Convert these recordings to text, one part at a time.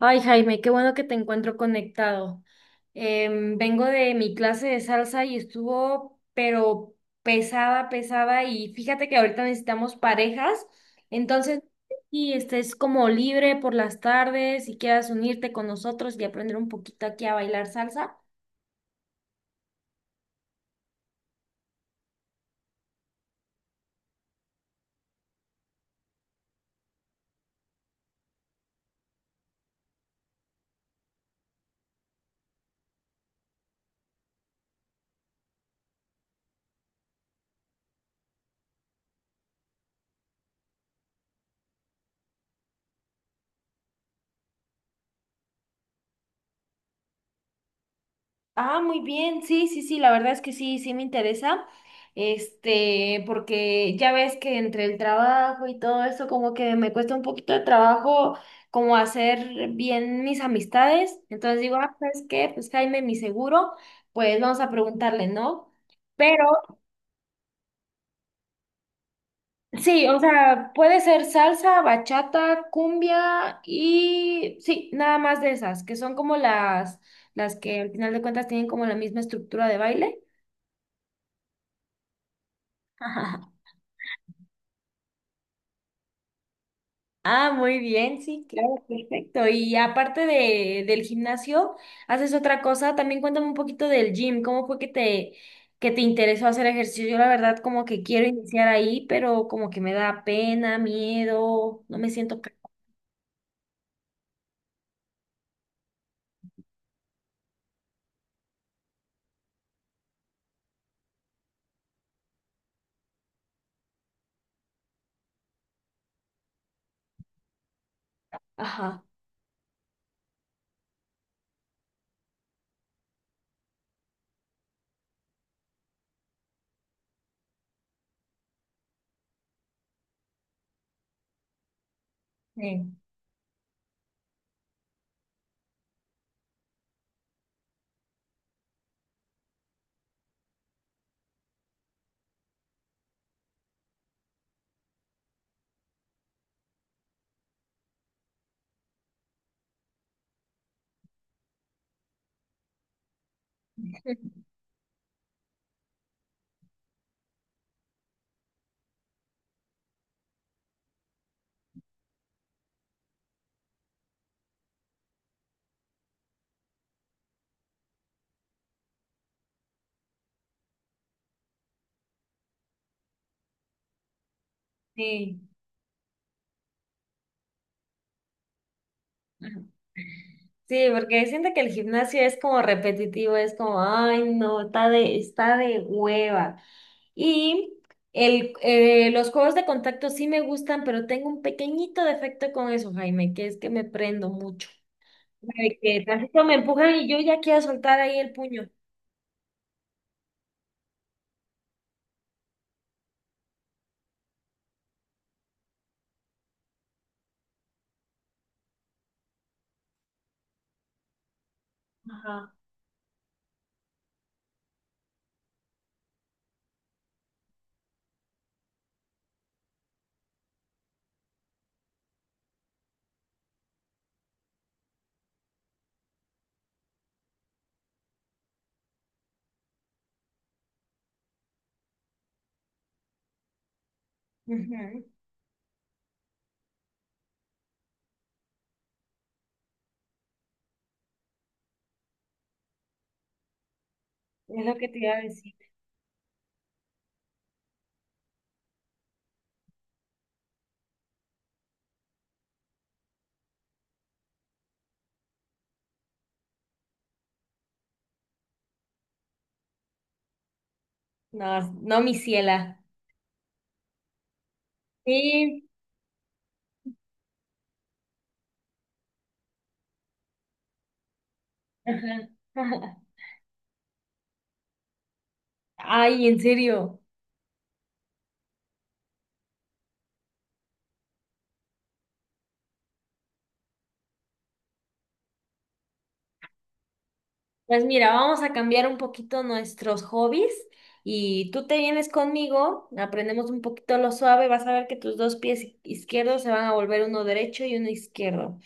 Ay, Jaime, qué bueno que te encuentro conectado. Vengo de mi clase de salsa y estuvo, pero pesada, pesada. Y fíjate que ahorita necesitamos parejas. Entonces, si estés como libre por las tardes y quieras unirte con nosotros y aprender un poquito aquí a bailar salsa. Ah, muy bien, sí, sí, sí, la verdad es que sí, sí me interesa, este, porque ya ves que entre el trabajo y todo eso como que me cuesta un poquito de trabajo como hacer bien mis amistades, entonces digo, ah, ¿sabes qué? Pues Jaime, mi seguro, pues vamos a preguntarle, ¿no? Pero sí, o sea, puede ser salsa, bachata, cumbia y sí, nada más de esas, que son como las que al final de cuentas tienen como la misma estructura de baile. Ah, muy bien, sí, claro, perfecto. Y aparte del gimnasio, ¿haces otra cosa? También cuéntame un poquito del gym. ¿Cómo fue que que te interesó hacer ejercicio? Yo la verdad como que quiero iniciar ahí, pero como que me da pena, miedo, no me siento... Ajá. Sí. Sí. Ajá. Sí, porque siento que el gimnasio es como repetitivo, es como, ay, no, está de hueva. Y los juegos de contacto sí me gustan, pero tengo un pequeñito defecto con eso, Jaime, que es que me prendo mucho. De que tantito me empujan y yo ya quiero soltar ahí el puño. Ajá. Ujú. Es lo que te iba a decir. No, no, mi ciela. Sí. Ajá. Ay, en serio. Pues mira, vamos a cambiar un poquito nuestros hobbies y tú te vienes conmigo, aprendemos un poquito lo suave, vas a ver que tus dos pies izquierdos se van a volver uno derecho y uno izquierdo.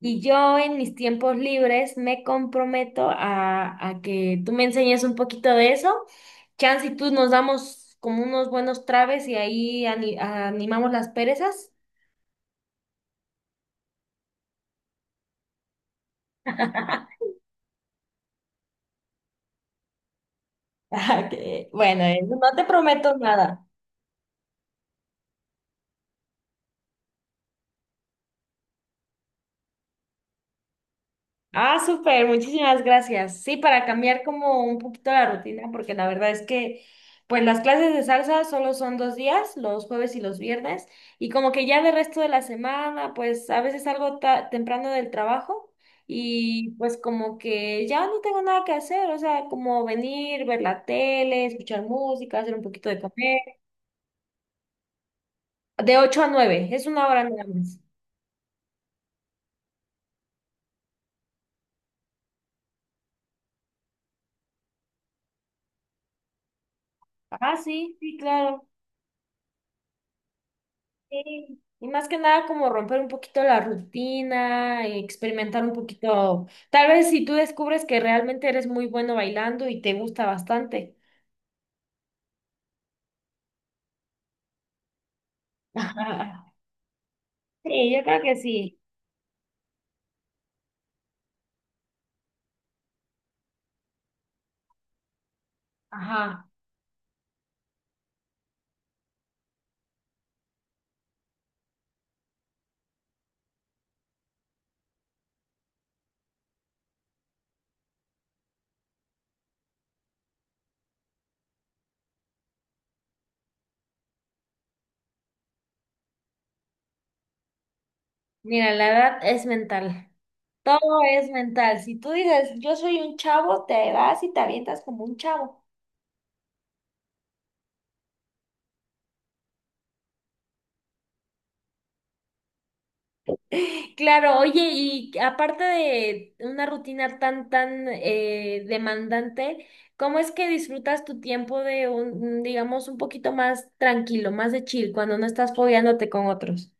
Y yo en mis tiempos libres me comprometo a que tú me enseñes un poquito de eso. Chance y tú nos damos como unos buenos traves y ahí animamos las perezas. Bueno, no te prometo nada. Ah, súper, muchísimas gracias. Sí, para cambiar como un poquito la rutina, porque la verdad es que, pues las clases de salsa solo son 2 días, los jueves y los viernes, y como que ya de resto de la semana, pues a veces salgo temprano del trabajo y pues como que ya no tengo nada que hacer, o sea, como venir, ver la tele, escuchar música, hacer un poquito de café, de 8 a 9, es una hora nada más. Ah, sí, sí, claro. Sí, y más que nada como romper un poquito la rutina, experimentar un poquito. Tal vez si tú descubres que realmente eres muy bueno bailando y te gusta bastante. Ajá. Sí, yo creo que sí. Ajá. Mira, la edad es mental. Todo es mental. Si tú dices, yo soy un chavo, te vas y te avientas como un chavo. Claro, oye, y aparte de una rutina tan, tan demandante, ¿cómo es que disfrutas tu tiempo de un, digamos, un poquito más tranquilo, más de chill, cuando no estás fogueándote con otros?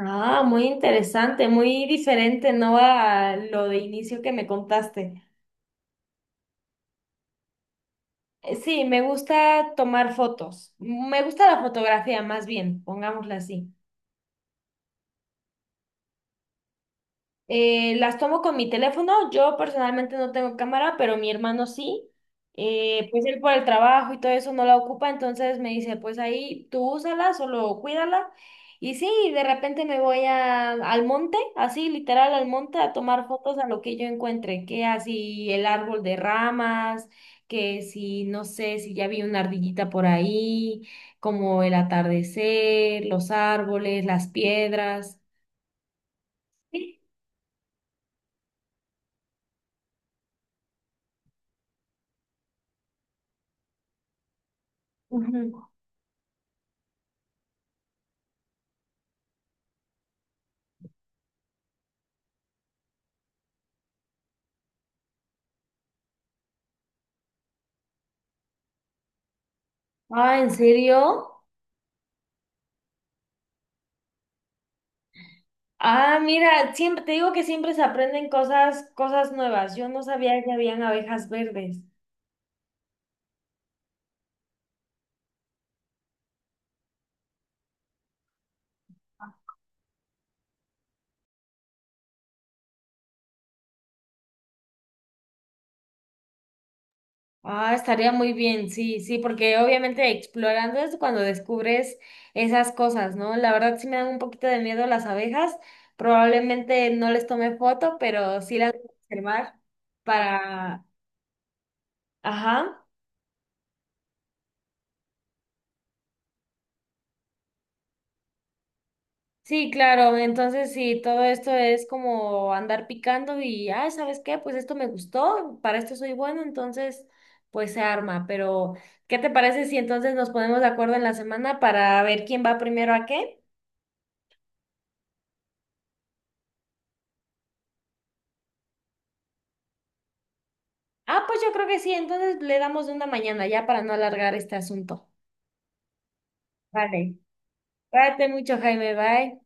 Ah, muy interesante, muy diferente, ¿no? A lo de inicio que me contaste. Sí, me gusta tomar fotos. Me gusta la fotografía, más bien, pongámosla así. Las tomo con mi teléfono. Yo personalmente no tengo cámara, pero mi hermano sí. Pues él por el trabajo y todo eso no la ocupa, entonces me dice, pues ahí tú úsala, solo cuídala. Y sí, de repente me voy al monte, así literal al monte, a tomar fotos a lo que yo encuentre, que así el árbol de ramas, que si no sé si ya vi una ardillita por ahí, como el atardecer, los árboles, las piedras. Sí. Ujú. Ah, ¿en serio? Ah, mira, siempre te digo que siempre se aprenden cosas, cosas nuevas. Yo no sabía que habían abejas verdes. Ah, estaría muy bien, sí, sí, porque obviamente explorando es cuando descubres esas cosas, ¿no? La verdad sí me dan un poquito de miedo las abejas. Probablemente no les tome foto, pero sí las voy a observar para, ajá. Sí, claro, entonces sí, todo esto es como andar picando y, ay, ¿sabes qué? Pues esto me gustó, para esto soy bueno, entonces pues se arma, pero ¿qué te parece si entonces nos ponemos de acuerdo en la semana para ver quién va primero a qué? Ah, pues yo creo que sí, entonces le damos de una mañana ya para no alargar este asunto. Vale, cuídate mucho, Jaime, bye.